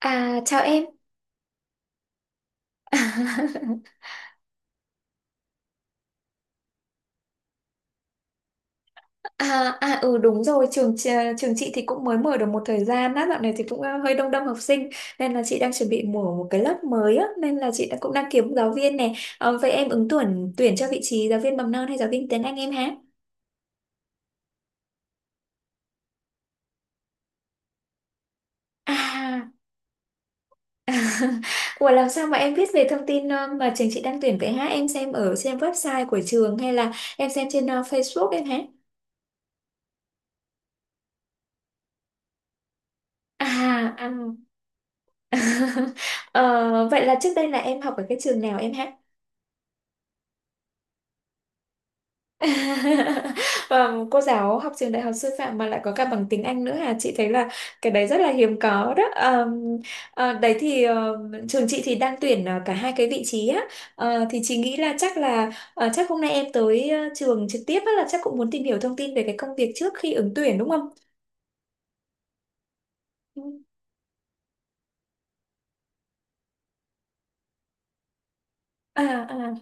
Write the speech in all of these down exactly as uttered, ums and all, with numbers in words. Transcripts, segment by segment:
À, chào em. À, à ừ đúng rồi, trường ch- trường chị thì cũng mới mở được một thời gian á, dạo này thì cũng ờ, hơi đông đông học sinh nên là chị đang chuẩn bị mở một cái lớp mới á, nên là chị đã- cũng đang kiếm giáo viên này. Ờ, vậy em ứng tuyển tuyển cho vị trí giáo viên mầm non hay giáo viên tiếng Anh em hả? À. Ủa làm sao mà em biết về thông tin ờ, mà trường chị đang tuyển vậy hả? Em xem ở trên website của trường hay là em xem trên ờ, Facebook em hả? À, à. Ờ, vậy là trước đây là em học ở cái trường nào em hát? Và cô giáo học trường đại học sư phạm mà lại có cả bằng tiếng Anh nữa hả? Chị thấy là cái đấy rất là hiếm có đó. Ờm, ờ, đấy thì ờ, Trường chị thì đang tuyển ờ, cả hai cái vị trí á. Ờ, thì chị nghĩ là chắc là ờ, chắc hôm nay em tới ờ, trường trực tiếp á, là chắc cũng muốn tìm hiểu thông tin về cái công việc trước khi ứng tuyển đúng không? Ừ. À, à.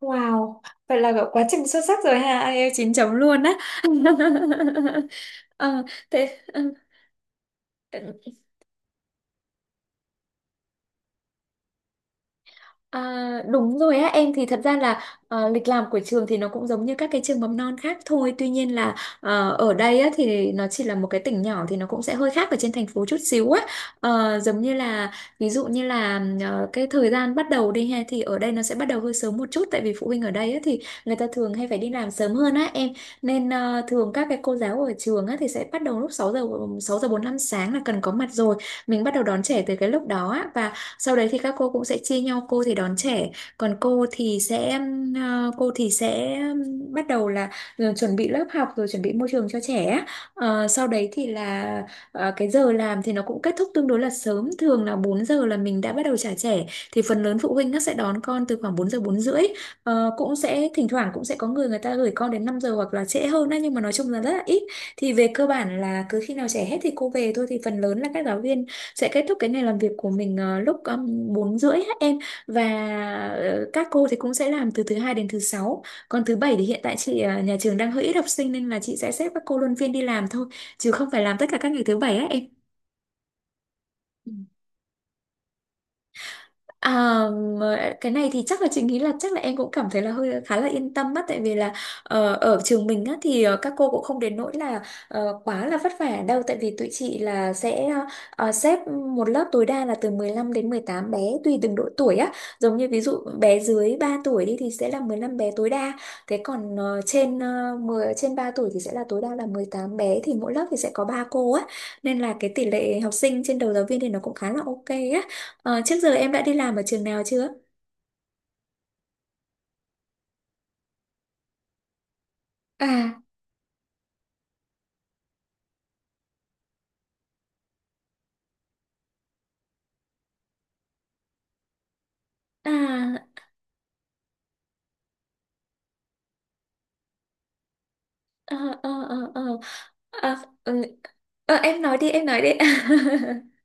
Wow, vậy là cậu quá trình xuất sắc rồi ha, ai IELTS chín chấm luôn á. Ờ, thế ừ. À, đúng rồi á em, thì thật ra là ờ, lịch làm của trường thì nó cũng giống như các cái trường mầm non khác thôi, tuy nhiên là ờ, ở đây á, thì nó chỉ là một cái tỉnh nhỏ thì nó cũng sẽ hơi khác ở trên thành phố chút xíu á. Ờ, giống như là ví dụ như là ờ, cái thời gian bắt đầu đi ha thì ở đây nó sẽ bắt đầu hơi sớm một chút, tại vì phụ huynh ở đây á, thì người ta thường hay phải đi làm sớm hơn á em, nên ờ, thường các cái cô giáo ở trường á, thì sẽ bắt đầu lúc sáu giờ sáu giờ bốn lăm sáng là cần có mặt rồi, mình bắt đầu đón trẻ từ cái lúc đó á, và sau đấy thì các cô cũng sẽ chia nhau, cô thì đón trẻ còn cô thì sẽ ừm, ờ, cô thì sẽ ừm, bắt đầu là ừ, chuẩn bị lớp học rồi chuẩn bị môi trường cho trẻ á. Ờ, sau đấy thì là ờ, cái giờ làm thì nó cũng kết thúc tương đối là sớm, thường là bốn giờ là mình đã bắt đầu trả trẻ, thì phần lớn phụ huynh nó sẽ đón con từ khoảng bốn giờ bốn rưỡi. Ờ, cũng sẽ thỉnh thoảng cũng sẽ có người người ta gửi con đến năm giờ hoặc là trễ hơn á, nhưng mà nói chung là rất là ít, thì về cơ bản là cứ khi nào trẻ hết thì cô về thôi, thì phần lớn là các giáo viên sẽ kết thúc cái ngày làm việc của mình ờ, lúc um, bốn rưỡi hết em. Và ờ, các cô thì cũng sẽ làm từ thứ hai đến thứ sáu, còn thứ bảy thì hiện tại chị ờ, nhà trường đang hơi ít học sinh nên là chị sẽ xếp các cô luân phiên đi làm thôi, chứ không phải làm tất cả các ngày thứ bảy á em. À, mà cái này thì chắc là chị nghĩ là chắc là em cũng cảm thấy là hơi khá là yên tâm á, tại vì là ờ, ở trường mình á thì ờ, các cô cũng không đến nỗi là ờ, quá là vất vả đâu, tại vì tụi chị là sẽ ờ, xếp một lớp tối đa là từ mười lăm đến mười tám bé, tùy từng độ tuổi á. Giống như ví dụ bé dưới ba tuổi đi thì sẽ là mười lăm bé tối đa, thế còn ờ, trên uh, mười trên ba tuổi thì sẽ là tối đa là mười tám bé, thì mỗi lớp thì sẽ có ba cô á, nên là cái tỷ lệ học sinh trên đầu giáo viên thì nó cũng khá là ok á. Ờ, trước giờ em đã đi làm ở trường nào chưa? À, à, ờ, ờ, ờ, ờ. À, ừ. Ờ, em nói đi, em nói đi.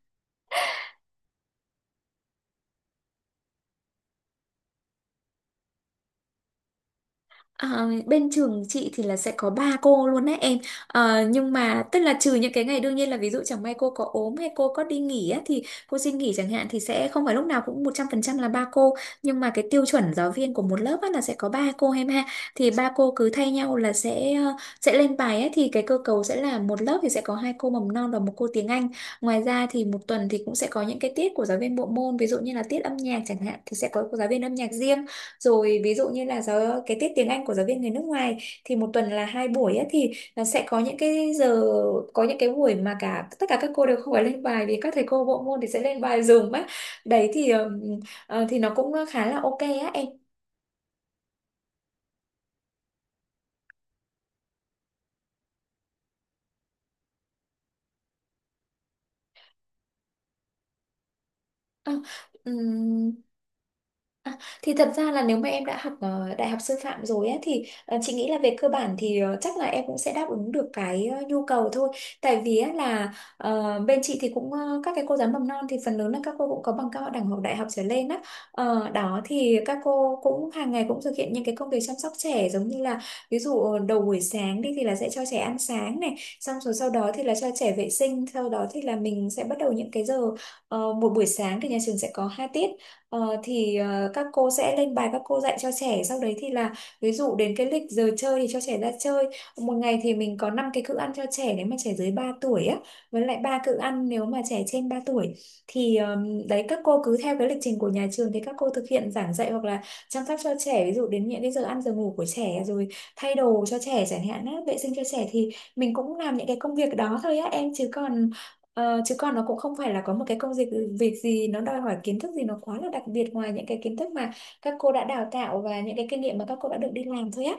Ờ, bên trường chị thì là sẽ có ba cô luôn đấy em. Ờ, nhưng mà tức là trừ những cái ngày đương nhiên là, ví dụ chẳng may cô có ốm hay cô có đi nghỉ á, thì cô xin nghỉ chẳng hạn, thì sẽ không phải lúc nào cũng một trăm phần trăm là ba cô, nhưng mà cái tiêu chuẩn giáo viên của một lớp á, là sẽ có ba cô em ha. Thì ba cô cứ thay nhau là sẽ ờ, sẽ lên bài ấy, thì cái cơ cấu sẽ là một lớp thì sẽ có hai cô mầm non và một cô tiếng Anh. Ngoài ra thì một tuần thì cũng sẽ có những cái tiết của giáo viên bộ môn, ví dụ như là tiết âm nhạc chẳng hạn thì sẽ có giáo viên âm nhạc riêng, rồi ví dụ như là giáo cái tiết tiếng Anh của giáo viên người nước ngoài thì một tuần là hai buổi á, thì nó sẽ có những cái giờ, có những cái buổi mà cả tất cả các cô đều không phải lên bài vì các thầy cô bộ môn thì sẽ lên bài dùm á. Đấy thì ừm, ờ, thì nó cũng khá là ok á em. Ờ, ừm, À, thì thật ra là nếu mà em đã học ờ, đại học sư phạm rồi á, thì ờ, chị nghĩ là về cơ bản thì ờ, chắc là em cũng sẽ đáp ứng được cái ờ, nhu cầu thôi. Tại vì á, là ờ, bên chị thì cũng ờ, các cái cô giáo mầm non thì phần lớn là các cô cũng có bằng cao đẳng hoặc đại học trở lên á. Ờ, đó thì các cô cũng hàng ngày cũng thực hiện những cái công việc chăm sóc trẻ, giống như là ví dụ ờ, đầu buổi sáng đi thì là sẽ cho trẻ ăn sáng này, xong rồi sau đó thì là cho trẻ vệ sinh, sau đó thì là mình sẽ bắt đầu những cái giờ, ờ, một buổi sáng thì nhà trường sẽ có hai tiết. Ờ, thì ờ, các cô sẽ lên bài, các cô dạy cho trẻ, sau đấy thì là ví dụ đến cái lịch giờ chơi thì cho trẻ ra chơi. Một ngày thì mình có năm cái cữ ăn cho trẻ nếu mà trẻ dưới ba tuổi á, với lại ba cữ ăn nếu mà trẻ trên ba tuổi, thì ờm, đấy các cô cứ theo cái lịch trình của nhà trường thì các cô thực hiện giảng dạy hoặc là chăm sóc cho trẻ, ví dụ đến những cái giờ ăn giờ ngủ của trẻ rồi thay đồ cho trẻ chẳng hạn á, vệ sinh cho trẻ, thì mình cũng làm những cái công việc đó thôi á em, chứ còn Ờ, chứ còn nó cũng không phải là có một cái công việc, việc gì nó đòi hỏi kiến thức gì nó quá là đặc biệt ngoài những cái kiến thức mà các cô đã đào tạo và những cái kinh nghiệm mà các cô đã được đi làm thôi á.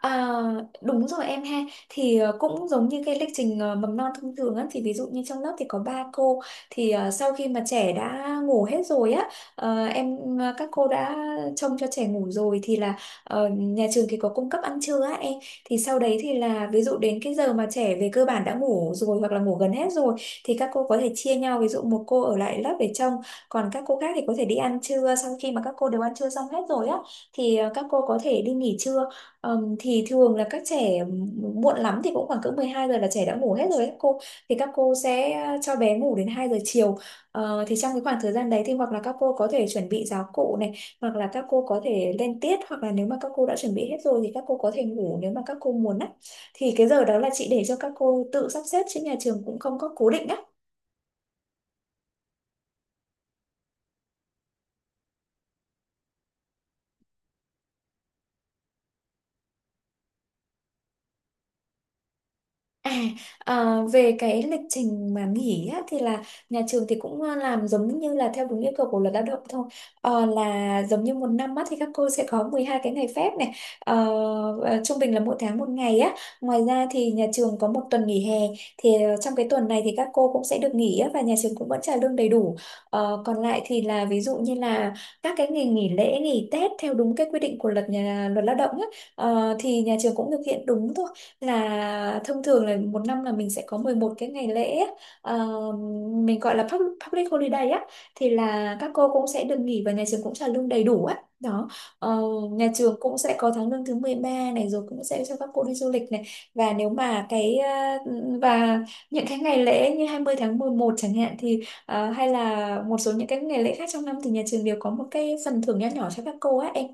À, đúng rồi em ha, thì ờ, cũng giống như cái lịch trình ờ, mầm non thông thường á, thì ví dụ như trong lớp thì có ba cô, thì ờ, sau khi mà trẻ đã ngủ hết rồi á, ờ, em ờ, các cô đã trông cho trẻ ngủ rồi thì là ờ, nhà trường thì có cung cấp ăn trưa á em, thì sau đấy thì là ví dụ đến cái giờ mà trẻ về cơ bản đã ngủ rồi hoặc là ngủ gần hết rồi, thì các cô có thể chia nhau, ví dụ một cô ở lại lớp để trông còn các cô khác thì có thể đi ăn trưa, sau khi mà các cô đều ăn trưa xong hết rồi á thì ờ, các cô có thể đi nghỉ trưa. Ờm, thì thường là các trẻ muộn lắm thì cũng khoảng cỡ mười hai giờ là trẻ đã ngủ hết rồi các cô, thì các cô sẽ cho bé ngủ đến hai giờ chiều. Ờ, thì trong cái khoảng thời gian đấy thì hoặc là các cô có thể chuẩn bị giáo cụ này, hoặc là các cô có thể lên tiết, hoặc là nếu mà các cô đã chuẩn bị hết rồi thì các cô có thể ngủ nếu mà các cô muốn á, thì cái giờ đó là chị để cho các cô tự sắp xếp chứ nhà trường cũng không có cố định á À, ờ, về cái lịch trình mà nghỉ á, thì là nhà trường thì cũng ờ, làm giống như là theo đúng yêu cầu của luật lao động thôi. Ờ, là giống như một năm á, thì các cô sẽ có mười hai cái ngày phép này. Ờ, ờ, Trung bình là mỗi tháng một ngày á. Ngoài ra thì nhà trường có một tuần nghỉ hè, thì ờ, trong cái tuần này thì các cô cũng sẽ được nghỉ á, và nhà trường cũng vẫn trả lương đầy đủ. Ờ, còn lại thì là ví dụ như là các cái ngày nghỉ lễ nghỉ Tết theo đúng cái quy định của luật nhà luật lao động á, ờ, thì nhà trường cũng thực hiện đúng thôi, là thông thường là một năm là mình sẽ có mười một cái ngày lễ á. ờ, mình gọi là pub- public holiday á, thì là các cô cũng sẽ được nghỉ và nhà trường cũng trả lương đầy đủ á đó. Ờ, nhà trường cũng sẽ có tháng lương thứ mười ba này, rồi cũng sẽ cho các cô đi du lịch này, và nếu mà cái ờ, và những cái ngày lễ như hai mươi tháng mười một chẳng hạn thì ờ, hay là một số những cái ngày lễ khác trong năm thì nhà trường đều có một cái phần thưởng nho nhỏ cho các cô á em.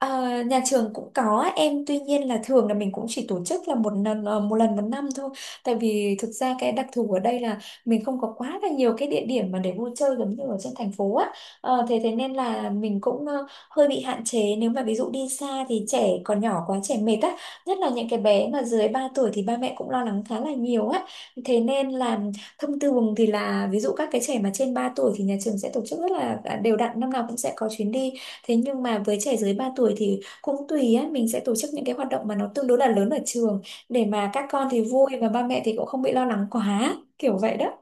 Ờ, nhà trường cũng có em, tuy nhiên là thường là mình cũng chỉ tổ chức là một lần ờ, một lần một năm thôi, tại vì thực ra cái đặc thù ở đây là mình không có quá là nhiều cái địa điểm mà để vui chơi giống như ở trên thành phố á. Ờ, thế thế nên là mình cũng ờ, hơi bị hạn chế, nếu mà ví dụ đi xa thì trẻ còn nhỏ quá, trẻ mệt á, nhất là những cái bé mà dưới ba tuổi thì ba mẹ cũng lo lắng khá là nhiều á. Thế nên là thông thường thì là ví dụ các cái trẻ mà trên ba tuổi thì nhà trường sẽ tổ chức rất là à, đều đặn, năm nào cũng sẽ có chuyến đi. Thế nhưng mà với trẻ dưới ba tuổi thì cũng tùy á, mình sẽ tổ chức những cái hoạt động mà nó tương đối là lớn ở trường, để mà các con thì vui và ba mẹ thì cũng không bị lo lắng quá, kiểu vậy đó.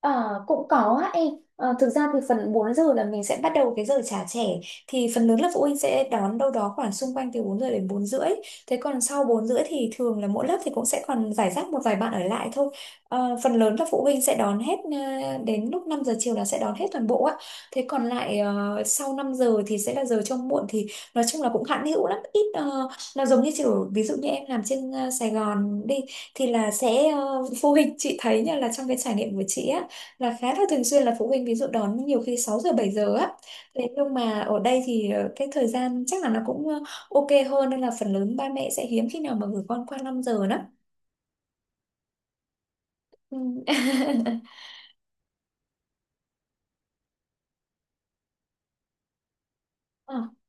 Ờ, cũng có á em. Ờ, thực ra thì phần bốn giờ là mình sẽ bắt đầu cái giờ trả trẻ, thì phần lớn là phụ huynh sẽ đón đâu đó khoảng xung quanh từ bốn giờ đến bốn rưỡi. Thế còn sau bốn rưỡi thì thường là mỗi lớp thì cũng sẽ còn giải rác một vài bạn ở lại thôi. Ờ, phần lớn là phụ huynh sẽ đón hết ờ, đến lúc năm giờ chiều là sẽ đón hết toàn bộ á. Thế còn lại ờ, sau năm giờ thì sẽ là giờ trông muộn, thì nói chung là cũng hạn hữu lắm, ít ờ, nó giống như kiểu ví dụ như em làm trên ờ, Sài Gòn đi, thì là sẽ ờ, phụ huynh chị thấy nha, là trong cái trải nghiệm của chị á, là khá là thường xuyên là phụ huynh ví dụ đón nhiều khi sáu giờ bảy giờ á. Thế nhưng mà ở đây thì ờ, cái thời gian chắc là nó cũng ờ, ok hơn, nên là phần lớn ba mẹ sẽ hiếm khi nào mà gửi con qua năm giờ đó. Ừ.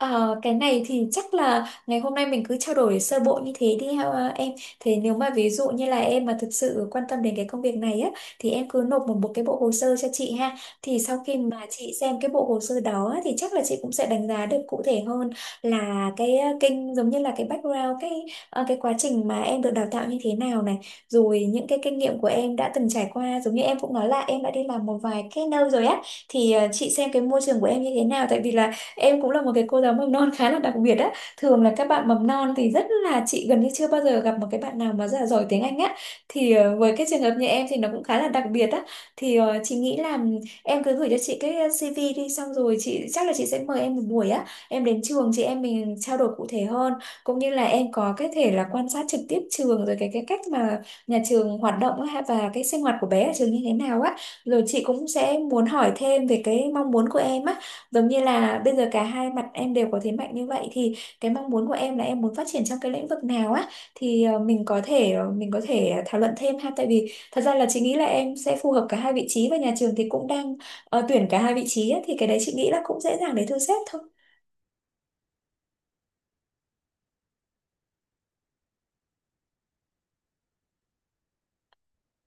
Ờ, cái này thì chắc là ngày hôm nay mình cứ trao đổi sơ bộ như thế đi ha, em. Thế nếu mà ví dụ như là em mà thực sự quan tâm đến cái công việc này á, thì em cứ nộp một, một cái bộ hồ sơ cho chị ha. Thì sau khi mà chị xem cái bộ hồ sơ đó á, thì chắc là chị cũng sẽ đánh giá được cụ thể hơn là cái ờ, kinh giống như là cái background cái ờ, cái quá trình mà em được đào tạo như thế nào này, rồi những cái kinh nghiệm của em đã từng trải qua, giống như em cũng nói là em đã đi làm một vài cái nơi rồi á. Thì ờ, chị xem cái môi trường của em như thế nào, tại vì là em cũng là một cái cô giáo mầm non khá là đặc biệt á. Thường là các bạn mầm non thì rất là chị gần như chưa bao giờ gặp một cái bạn nào mà rất là giỏi tiếng Anh á. Thì ờ, với cái trường hợp như em thì nó cũng khá là đặc biệt á. Thì ờ, chị nghĩ là em cứ gửi cho chị cái xê vê đi, xong rồi chị chắc là chị sẽ mời em một buổi á. Em đến trường chị, em mình trao đổi cụ thể hơn, cũng như là em có cái thể là quan sát trực tiếp trường, rồi cái cái cách mà nhà trường hoạt động á, và cái sinh hoạt của bé ở trường như thế nào á. Rồi chị cũng sẽ muốn hỏi thêm về cái mong muốn của em á, giống như là bây giờ cả hai mặt em đều có thế mạnh như vậy, thì cái mong muốn của em là em muốn phát triển trong cái lĩnh vực nào á, thì ờ, mình có thể ờ, mình có thể thảo luận thêm ha, tại vì thật ra là chị nghĩ là em sẽ phù hợp cả hai vị trí, và nhà trường thì cũng đang ờ, tuyển cả hai vị trí á, thì cái đấy chị nghĩ là cũng dễ dàng để thu xếp thôi.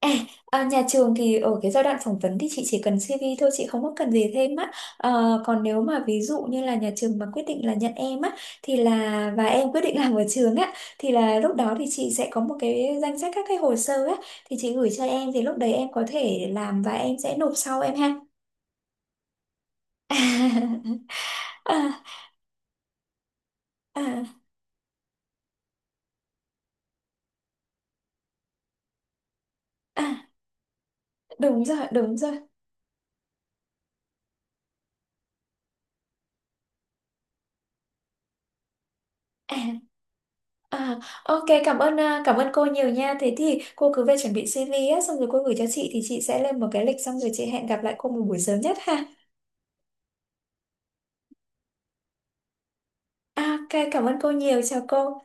À, à, nhà trường thì ở cái giai đoạn phỏng vấn thì chị chỉ cần xi vi thôi, chị không có cần gì thêm á. Ờ, còn nếu mà ví dụ như là nhà trường mà quyết định là nhận em á, thì là và em quyết định làm ở trường á, thì là lúc đó thì chị sẽ có một cái danh sách các cái hồ sơ á, thì chị gửi cho em, thì lúc đấy em có thể làm và em sẽ nộp sau em ha. à, à, à, Đúng rồi, đúng rồi. À. À, ok, cảm ơn à, cảm ơn cô nhiều nha. Thế thì cô cứ về chuẩn bị xê vê á, xong rồi cô gửi cho chị, thì chị sẽ lên một cái lịch, xong rồi chị hẹn gặp lại cô một buổi sớm nhất ha. À, ok, cảm ơn cô nhiều, chào cô.